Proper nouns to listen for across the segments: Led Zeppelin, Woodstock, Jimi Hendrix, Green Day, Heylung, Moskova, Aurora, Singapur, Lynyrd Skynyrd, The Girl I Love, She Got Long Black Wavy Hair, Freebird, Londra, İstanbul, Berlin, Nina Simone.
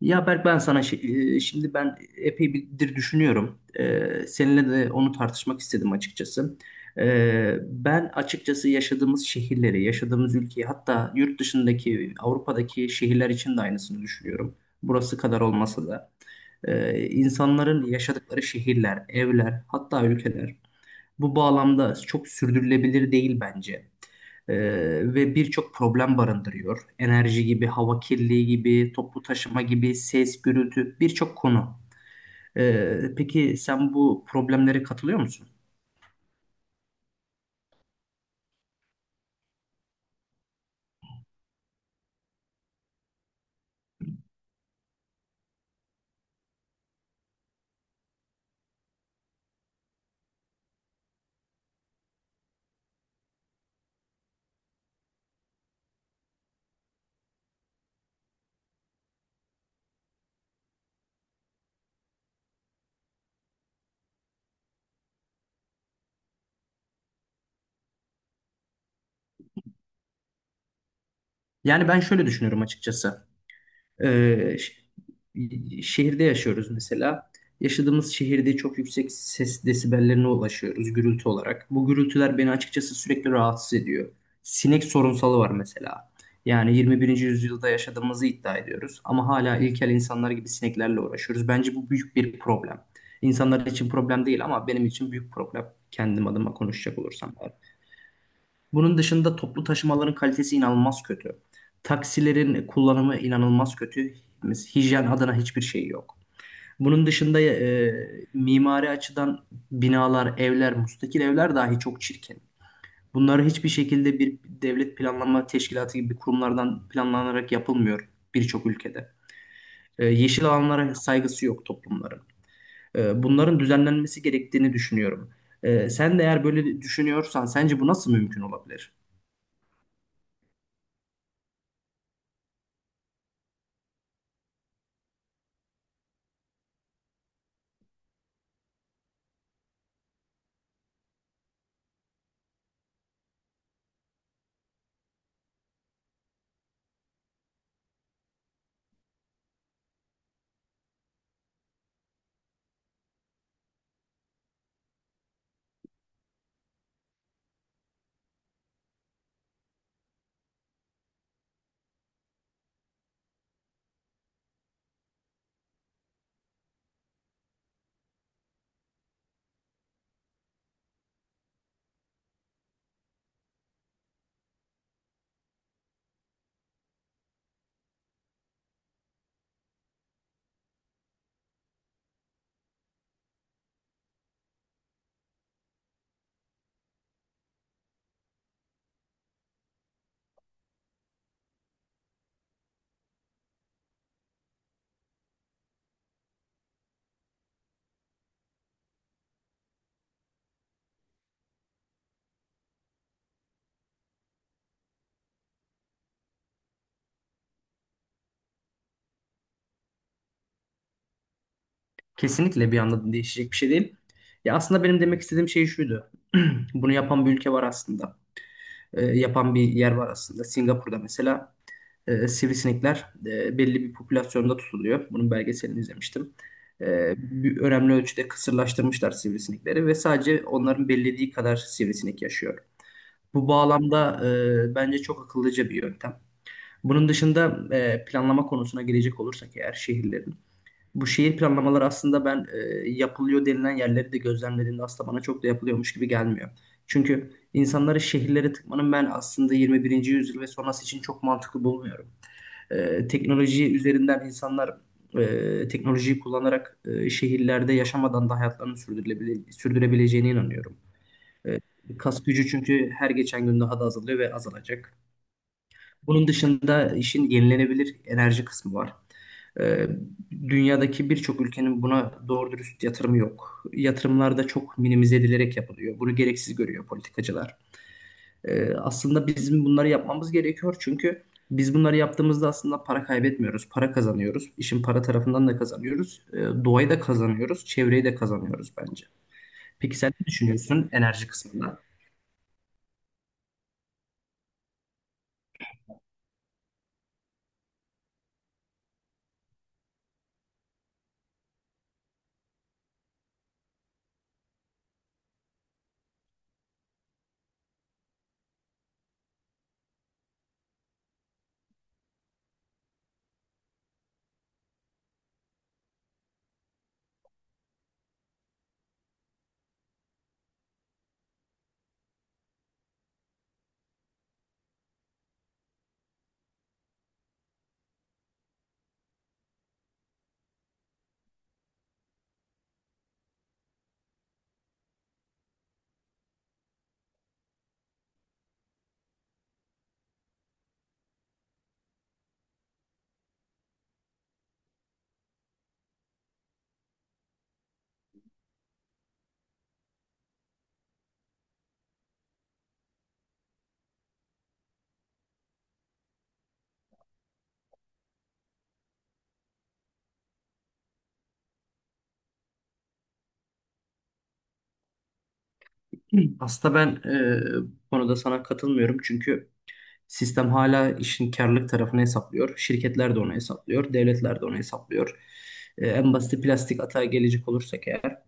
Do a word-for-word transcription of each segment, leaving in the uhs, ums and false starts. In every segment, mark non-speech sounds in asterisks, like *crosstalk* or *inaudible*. Ya Berk ben sana şi- e, şimdi ben epey birdir düşünüyorum. E, seninle de onu tartışmak istedim açıkçası. E, ben açıkçası yaşadığımız şehirleri, yaşadığımız ülkeyi hatta yurt dışındaki Avrupa'daki şehirler için de aynısını düşünüyorum. Burası kadar olmasa da. E, insanların yaşadıkları şehirler, evler hatta ülkeler. Bu bağlamda çok sürdürülebilir değil bence. Ee, ve birçok problem barındırıyor. Enerji gibi, hava kirliliği gibi, toplu taşıma gibi, ses, gürültü birçok konu. Ee, peki sen bu problemlere katılıyor musun? Yani ben şöyle düşünüyorum açıkçası. Ee, ş- Şehirde yaşıyoruz mesela. Yaşadığımız şehirde çok yüksek ses desibellerine ulaşıyoruz gürültü olarak. Bu gürültüler beni açıkçası sürekli rahatsız ediyor. Sinek sorunsalı var mesela. Yani yirmi birinci yüzyılda yaşadığımızı iddia ediyoruz ama hala ilkel insanlar gibi sineklerle uğraşıyoruz. Bence bu büyük bir problem. İnsanlar için problem değil ama benim için büyük problem. Kendim adıma konuşacak olursam. Bunun dışında toplu taşımaların kalitesi inanılmaz kötü. Taksilerin kullanımı inanılmaz kötü. Hijyen adına hiçbir şey yok. Bunun dışında e, mimari açıdan binalar, evler, müstakil evler dahi çok çirkin. Bunlar hiçbir şekilde bir devlet planlama teşkilatı gibi kurumlardan planlanarak yapılmıyor birçok ülkede. E, yeşil alanlara saygısı yok toplumların. E, bunların düzenlenmesi gerektiğini düşünüyorum. E, sen de eğer böyle düşünüyorsan sence bu nasıl mümkün olabilir? Kesinlikle bir anda değişecek bir şey değil. Ya aslında benim demek istediğim şey şuydu. *clears throat* Bunu yapan bir ülke var aslında. Ee, yapan bir yer var aslında. Singapur'da mesela e, sivrisinekler e, belli bir popülasyonda tutuluyor. Bunun belgeselini izlemiştim. Ee, bir- önemli ölçüde kısırlaştırmışlar sivrisinekleri ve sadece onların belirlediği kadar sivrisinek yaşıyor. Bu bağlamda e, bence çok akıllıca bir yöntem. Bunun dışında e, planlama konusuna gelecek olursak eğer şehirlerin. Bu şehir planlamaları aslında ben e, yapılıyor denilen yerleri de gözlemlediğimde aslında bana çok da yapılıyormuş gibi gelmiyor. Çünkü insanları şehirlere tıkmanın ben aslında yirmi birinci yüzyıl ve sonrası için çok mantıklı bulmuyorum. E, teknoloji üzerinden insanlar e, teknolojiyi kullanarak e, şehirlerde yaşamadan da hayatlarını sürdürülebilir, sürdürebileceğine inanıyorum. Kas gücü çünkü her geçen gün daha da azalıyor ve azalacak. Bunun dışında işin yenilenebilir enerji kısmı var. Ee, Dünyadaki birçok ülkenin buna doğru dürüst yatırımı yok. Yatırımlar da çok minimize edilerek yapılıyor. Bunu gereksiz görüyor politikacılar. Ee, aslında bizim bunları yapmamız gerekiyor çünkü biz bunları yaptığımızda aslında para kaybetmiyoruz, para kazanıyoruz. İşin para tarafından da kazanıyoruz, Ee, doğayı da kazanıyoruz, çevreyi de kazanıyoruz bence. Peki sen ne düşünüyorsun enerji kısmında? Hı. Aslında ben e, bu konuda sana katılmıyorum çünkü sistem hala işin karlılık tarafını hesaplıyor. Şirketler de onu hesaplıyor. Devletler de onu hesaplıyor. E, en basit plastik atağa gelecek olursak eğer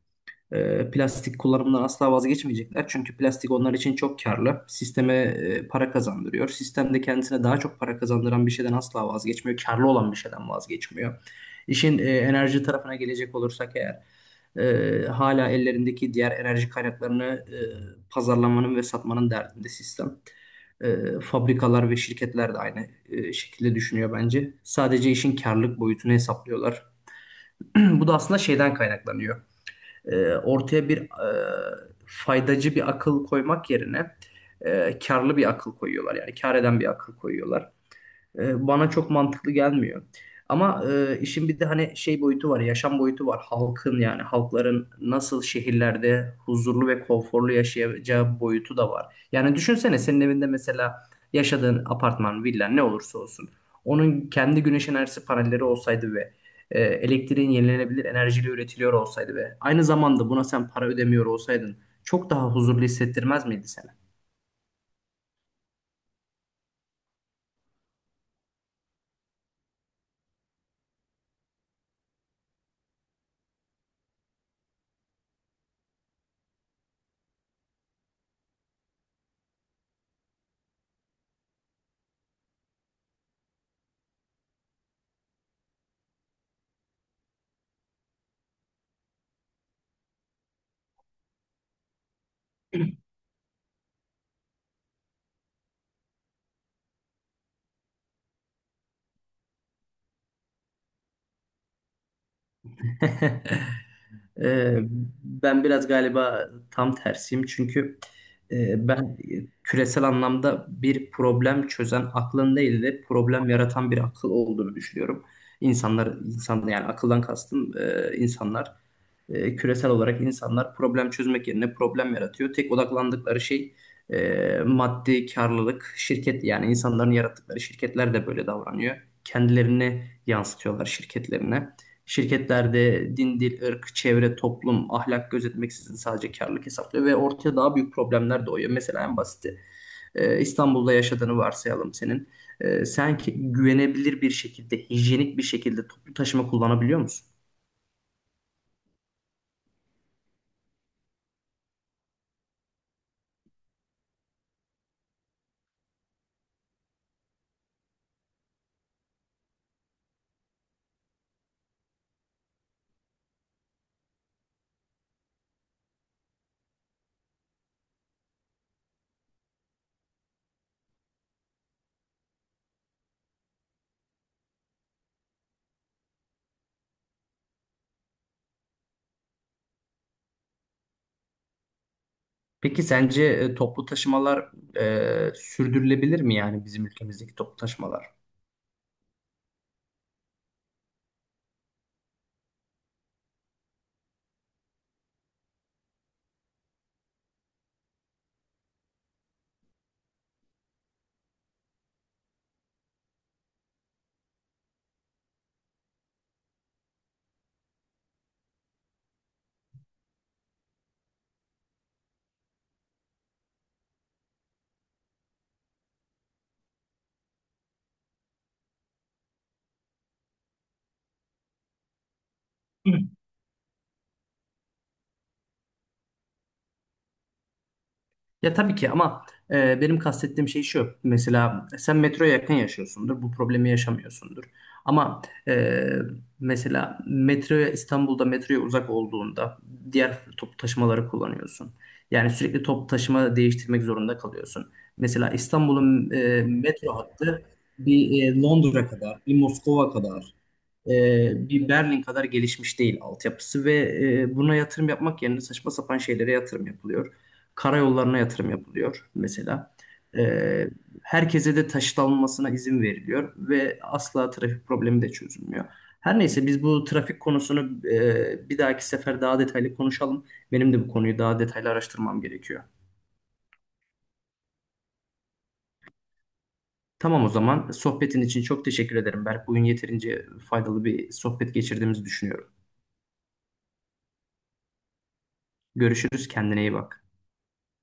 e, plastik kullanımından asla vazgeçmeyecekler. Çünkü plastik onlar için çok karlı. Sisteme e, para kazandırıyor. Sistem de kendisine daha çok para kazandıran bir şeyden asla vazgeçmiyor. Karlı olan bir şeyden vazgeçmiyor. İşin e, enerji tarafına gelecek olursak eğer e, hala ellerindeki diğer enerji kaynaklarını e, pazarlamanın ve satmanın derdinde sistem. E, fabrikalar ve şirketler de aynı e, şekilde düşünüyor bence. Sadece işin karlılık boyutunu hesaplıyorlar. *clears throat* Bu da aslında şeyden kaynaklanıyor. E, ortaya bir e, faydacı bir akıl koymak yerine e, karlı bir akıl koyuyorlar. Yani kar eden bir akıl koyuyorlar. E, bana çok mantıklı gelmiyor. Ama e, işin bir de hani şey boyutu var, yaşam boyutu var. Halkın yani halkların nasıl şehirlerde huzurlu ve konforlu yaşayacağı boyutu da var. Yani düşünsene senin evinde mesela yaşadığın apartman, villa ne olursa olsun. Onun kendi güneş enerjisi panelleri olsaydı ve e, elektriğin yenilenebilir enerjiyle üretiliyor olsaydı ve aynı zamanda buna sen para ödemiyor olsaydın çok daha huzurlu hissettirmez miydi seni? *laughs* Ee, Ben biraz galiba tam tersiyim çünkü e, ben küresel anlamda bir problem çözen aklın değil de problem yaratan bir akıl olduğunu düşünüyorum. İnsanlar, insan yani akıldan kastım e, insanlar e, küresel olarak insanlar problem çözmek yerine problem yaratıyor. Tek odaklandıkları şey e, maddi karlılık, şirket yani insanların yarattıkları şirketler de böyle davranıyor. Kendilerini yansıtıyorlar şirketlerine. Şirketlerde din, dil, ırk, çevre, toplum, ahlak gözetmeksizin sadece karlılık hesaplıyor ve ortaya daha büyük problemler doğuyor. Mesela en basiti e, İstanbul'da yaşadığını varsayalım senin. E, sen ki- güvenebilir bir şekilde, hijyenik bir şekilde toplu taşıma kullanabiliyor musun? Peki sence e, toplu taşımalar e, sürdürülebilir mi yani bizim ülkemizdeki toplu taşımalar? *clears throat* Ya tabii ki ama e, benim kastettiğim şey şu. Mesela sen metroya yakın yaşıyorsundur. Bu problemi yaşamıyorsundur. Ama e, mesela metroya İstanbul'da metroya uzak olduğunda diğer toplu taşımaları kullanıyorsun. Yani sürekli toplu taşıma değiştirmek zorunda kalıyorsun. Mesela İstanbul'un e, metro hattı bir e, Londra kadar, bir Moskova kadar, e, bir Berlin kadar gelişmiş değil altyapısı ve e, buna yatırım yapmak yerine saçma sapan şeylere yatırım yapılıyor. Karayollarına yatırım yapılıyor mesela. E, Herkese de taşıt alınmasına izin veriliyor ve asla trafik problemi de çözülmüyor. Her neyse biz bu trafik konusunu e, bir dahaki sefer daha detaylı konuşalım. Benim de bu konuyu daha detaylı araştırmam gerekiyor. Tamam o zaman sohbetin için çok teşekkür ederim Berk. Bugün yeterince faydalı bir sohbet geçirdiğimizi düşünüyorum. Görüşürüz, kendine iyi bak.